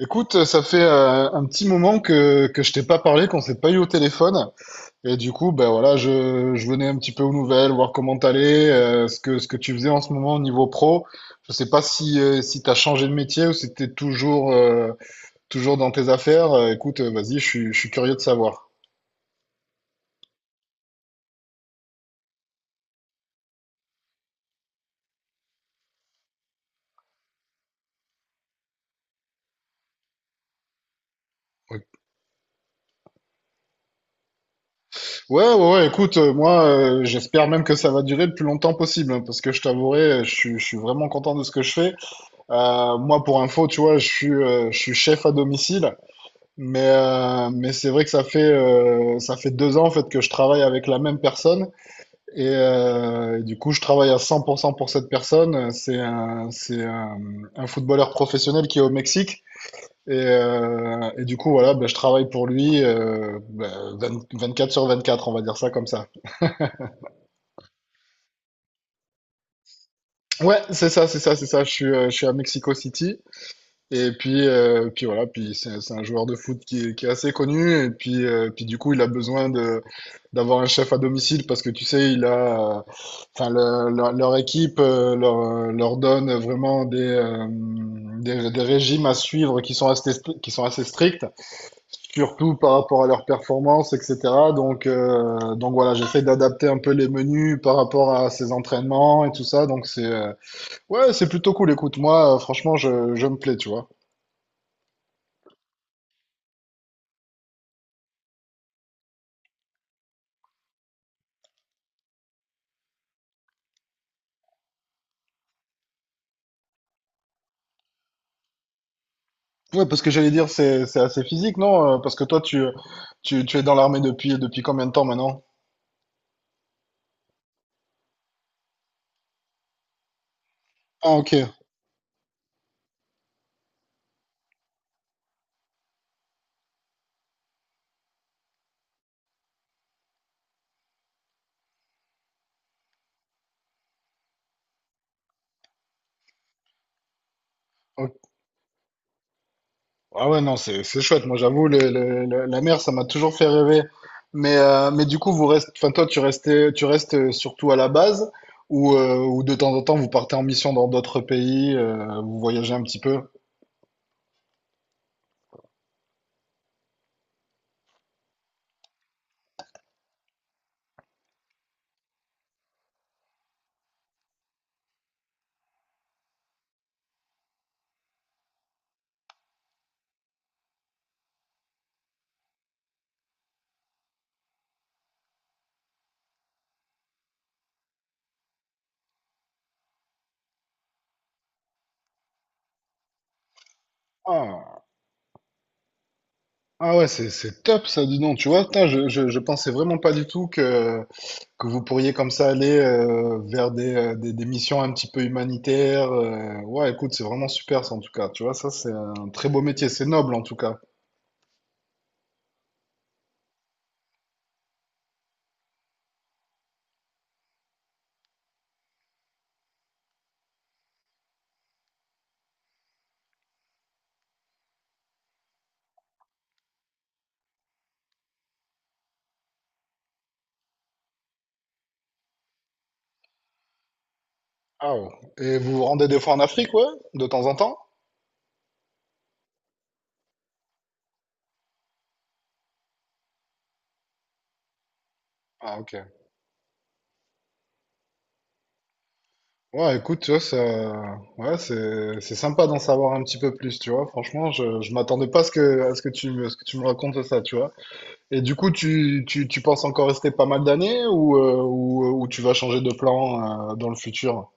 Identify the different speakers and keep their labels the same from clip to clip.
Speaker 1: Écoute, ça fait un petit moment que je t'ai pas parlé, qu'on s'est pas eu au téléphone. Et du coup, ben voilà, je venais un petit peu aux nouvelles, voir comment t'allais, ce que tu faisais en ce moment au niveau pro. Je sais pas si, si t'as changé de métier ou si t'es toujours, toujours dans tes affaires. Écoute, vas-y, je suis curieux de savoir. Ouais, ouais, ouais, écoute, moi, j'espère même que ça va durer le plus longtemps possible, hein, parce que je t'avouerai, je suis vraiment content de ce que je fais. Moi, pour info, tu vois, je suis chef à domicile. Mais c'est vrai que ça fait 2 ans en fait que je travaille avec la même personne et du coup je travaille à 100% pour cent pour cette personne. C'est un footballeur professionnel qui est au Mexique et du coup voilà, ben, je travaille pour lui 20 24 sur 24, on va dire ça comme ça. Ouais, c'est ça, c'est ça, c'est ça. Je suis à Mexico City. Et puis, puis voilà, puis c'est un joueur de foot qui est assez connu. Et puis, puis du coup, il a besoin de d'avoir un chef à domicile parce que tu sais, il a, enfin, leur équipe leur donne vraiment des, des régimes à suivre qui sont assez stricts, surtout par rapport à leur performance, etc. Donc voilà, j'essaie d'adapter un peu les menus par rapport à ses entraînements et tout ça. Donc c'est ouais, c'est plutôt cool. Écoute, moi, franchement, je me plais, tu vois. Ouais, parce que j'allais dire, c'est assez physique, non? Parce que toi, tu es dans l'armée depuis combien de temps maintenant? Ah, ok. Ok. Ah ouais, non, c'est chouette. Moi, j'avoue, la mer, ça m'a toujours fait rêver. Mais du coup, vous restez, enfin, toi, tu restes surtout à la base ou de temps en temps, vous partez en mission dans d'autres pays, vous voyagez un petit peu? Ah. Ah ouais, c'est top ça, dis donc. Tu vois, putain, je pensais vraiment pas du tout que vous pourriez comme ça aller vers des, des missions un petit peu humanitaires. Ouais, écoute, c'est vraiment super ça en tout cas. Tu vois, ça c'est un très beau métier, c'est noble en tout cas. Ah ouais. Et vous vous rendez des fois en Afrique, ouais, de temps en temps? Ah ok. Ouais, écoute, tu vois, ça, ouais, c'est sympa d'en savoir un petit peu plus, tu vois. Franchement, je m'attendais pas à ce que, à ce que tu me, à ce que tu me racontes ça, tu vois. Et du coup, tu penses encore rester pas mal d'années ou, ou tu vas changer de plan dans le futur?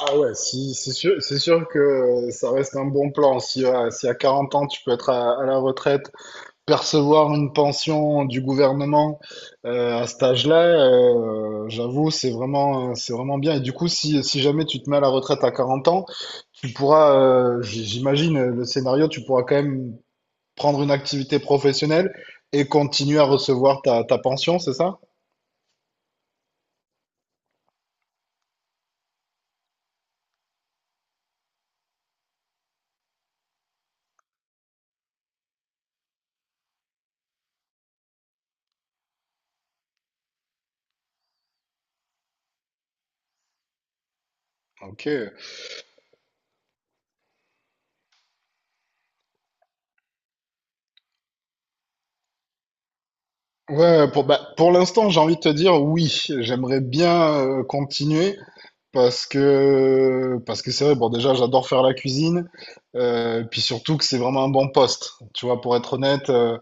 Speaker 1: Ah ouais, si, c'est sûr que ça reste un bon plan. Si à 40 ans, tu peux être à la retraite, percevoir une pension du gouvernement à cet âge-là, j'avoue, c'est vraiment bien. Et du coup, si jamais tu te mets à la retraite à 40 ans, tu pourras, j'imagine, le scénario, tu pourras quand même prendre une activité professionnelle et continuer à recevoir ta pension, c'est ça? Ok. Ouais, ouais, pour, bah, pour l'instant, j'ai envie de te dire oui, j'aimerais bien continuer parce que c'est vrai, bon déjà j'adore faire la cuisine, puis surtout que c'est vraiment un bon poste. Tu vois, pour être honnête, euh,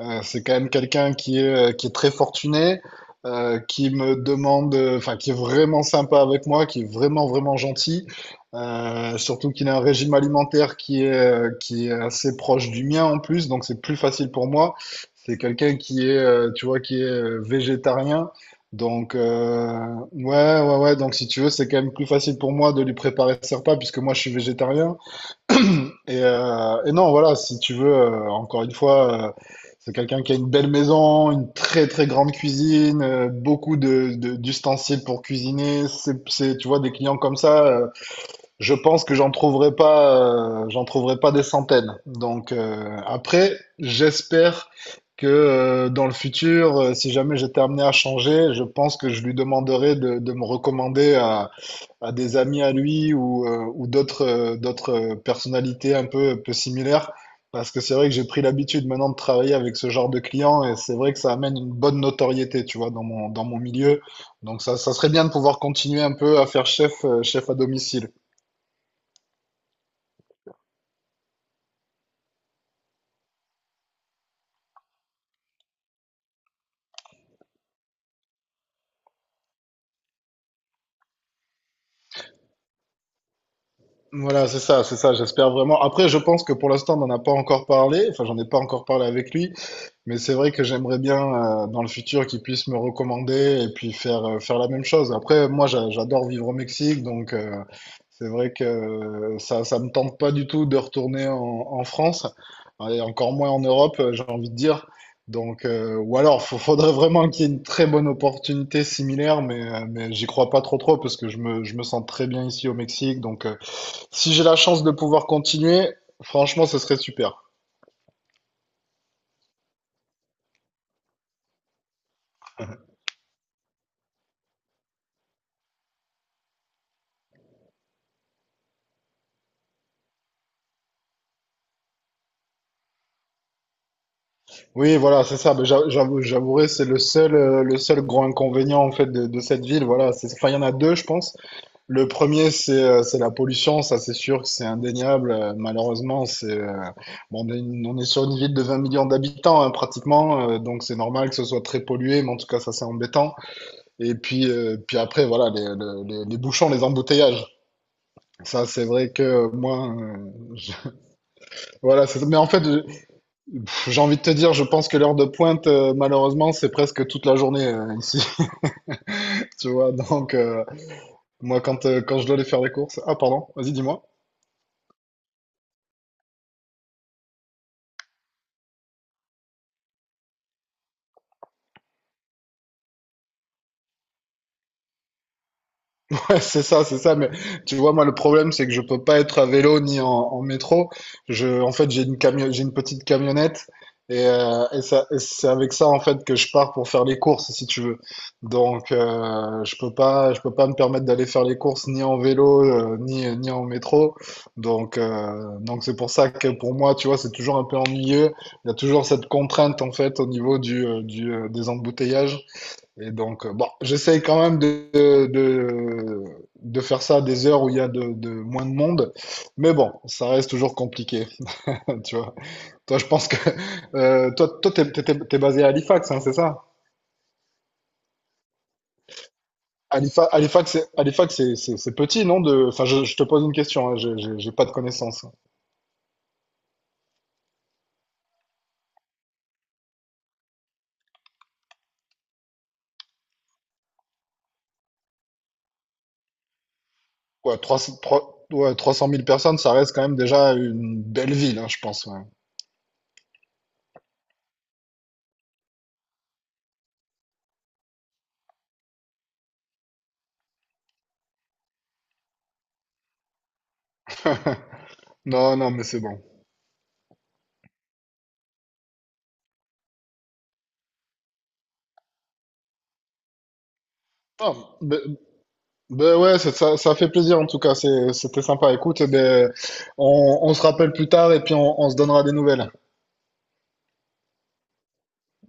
Speaker 1: euh, c'est quand même quelqu'un qui est très fortuné, qui me demande, enfin qui est vraiment sympa avec moi, qui est vraiment vraiment gentil, surtout qu'il a un régime alimentaire qui est assez proche du mien en plus, donc c'est plus facile pour moi. C'est quelqu'un qui est, tu vois, qui est végétarien. Donc, ouais, ouais, ouais. Donc, si tu veux, c'est quand même plus facile pour moi de lui préparer ses repas puisque moi, je suis végétarien. Et non, voilà, si tu veux, encore une fois, c'est quelqu'un qui a une belle maison, une très, très grande cuisine, beaucoup de, d'ustensiles pour cuisiner. C'est, tu vois, des clients comme ça, je pense que j'en trouverai pas des centaines. Donc après, j'espère que dans le futur, si jamais j'étais amené à changer, je pense que je lui demanderai de me recommander à des amis à lui ou d'autres personnalités un peu, peu similaires. Parce que c'est vrai que j'ai pris l'habitude maintenant de travailler avec ce genre de clients et c'est vrai que ça amène une bonne notoriété, tu vois, dans mon milieu. Donc ça serait bien de pouvoir continuer un peu à faire chef, chef à domicile. Voilà, c'est ça, j'espère vraiment. Après, je pense que pour l'instant, on n'en a pas encore parlé, enfin, j'en ai pas encore parlé avec lui, mais c'est vrai que j'aimerais bien, dans le futur, qu'il puisse me recommander et puis faire, faire la même chose. Après, moi, j'adore vivre au Mexique, donc c'est vrai que ça me tente pas du tout de retourner en France, et encore moins en Europe, j'ai envie de dire. Donc, ou alors, il faudrait vraiment qu'il y ait une très bonne opportunité similaire, mais j'y crois pas trop trop, parce que je me sens très bien ici au Mexique, donc si j'ai la chance de pouvoir continuer, franchement, ce serait super. Oui, voilà, c'est ça. Mais j'avouerai, c'est le seul grand inconvénient en fait de cette ville. Voilà, c'est, enfin, il y en a deux, je pense. Le premier, c'est la pollution. Ça, c'est sûr que c'est indéniable. Malheureusement, c'est bon, on est, on est sur une ville de 20 millions d'habitants hein, pratiquement, donc c'est normal que ce soit très pollué. Mais en tout cas, ça, c'est embêtant. Et puis, puis après, voilà, les bouchons, les embouteillages. Ça, c'est vrai que moi, voilà. Mais en fait, j'ai envie de te dire, je pense que l'heure de pointe, malheureusement, c'est presque toute la journée ici, tu vois. Donc, moi, quand je dois aller faire les courses... Ah, pardon, vas-y, dis-moi. Ouais, c'est ça, c'est ça. Mais tu vois, moi, le problème, c'est que je peux pas être à vélo ni en métro. En fait, j'ai une petite camionnette et, et c'est avec ça en fait que je pars pour faire les courses, si tu veux. Donc, je peux pas me permettre d'aller faire les courses ni en vélo ni en métro. Donc c'est pour ça que pour moi, tu vois, c'est toujours un peu ennuyeux. Il y a toujours cette contrainte en fait au niveau du des embouteillages. Et donc, bon, j'essaye quand même de faire ça à des heures où il y a de moins de monde. Mais bon, ça reste toujours compliqué. Tu vois. Toi, je pense que toi, t'es basé à Halifax, hein, c'est ça? Halifax, c'est Halifax, c'est petit, non? De... Enfin, je te pose une question, hein, j'ai pas de connaissances. Ouais, 300, ouais, 300 000 personnes, ça reste quand même déjà une belle ville, hein, je pense. Ouais. Non, non, mais c'est bon. Ah, mais ben ouais, ça fait plaisir en tout cas, c'était sympa. Écoute, eh ben, on se rappelle plus tard et puis on se donnera des nouvelles.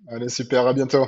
Speaker 1: Allez, super, à bientôt.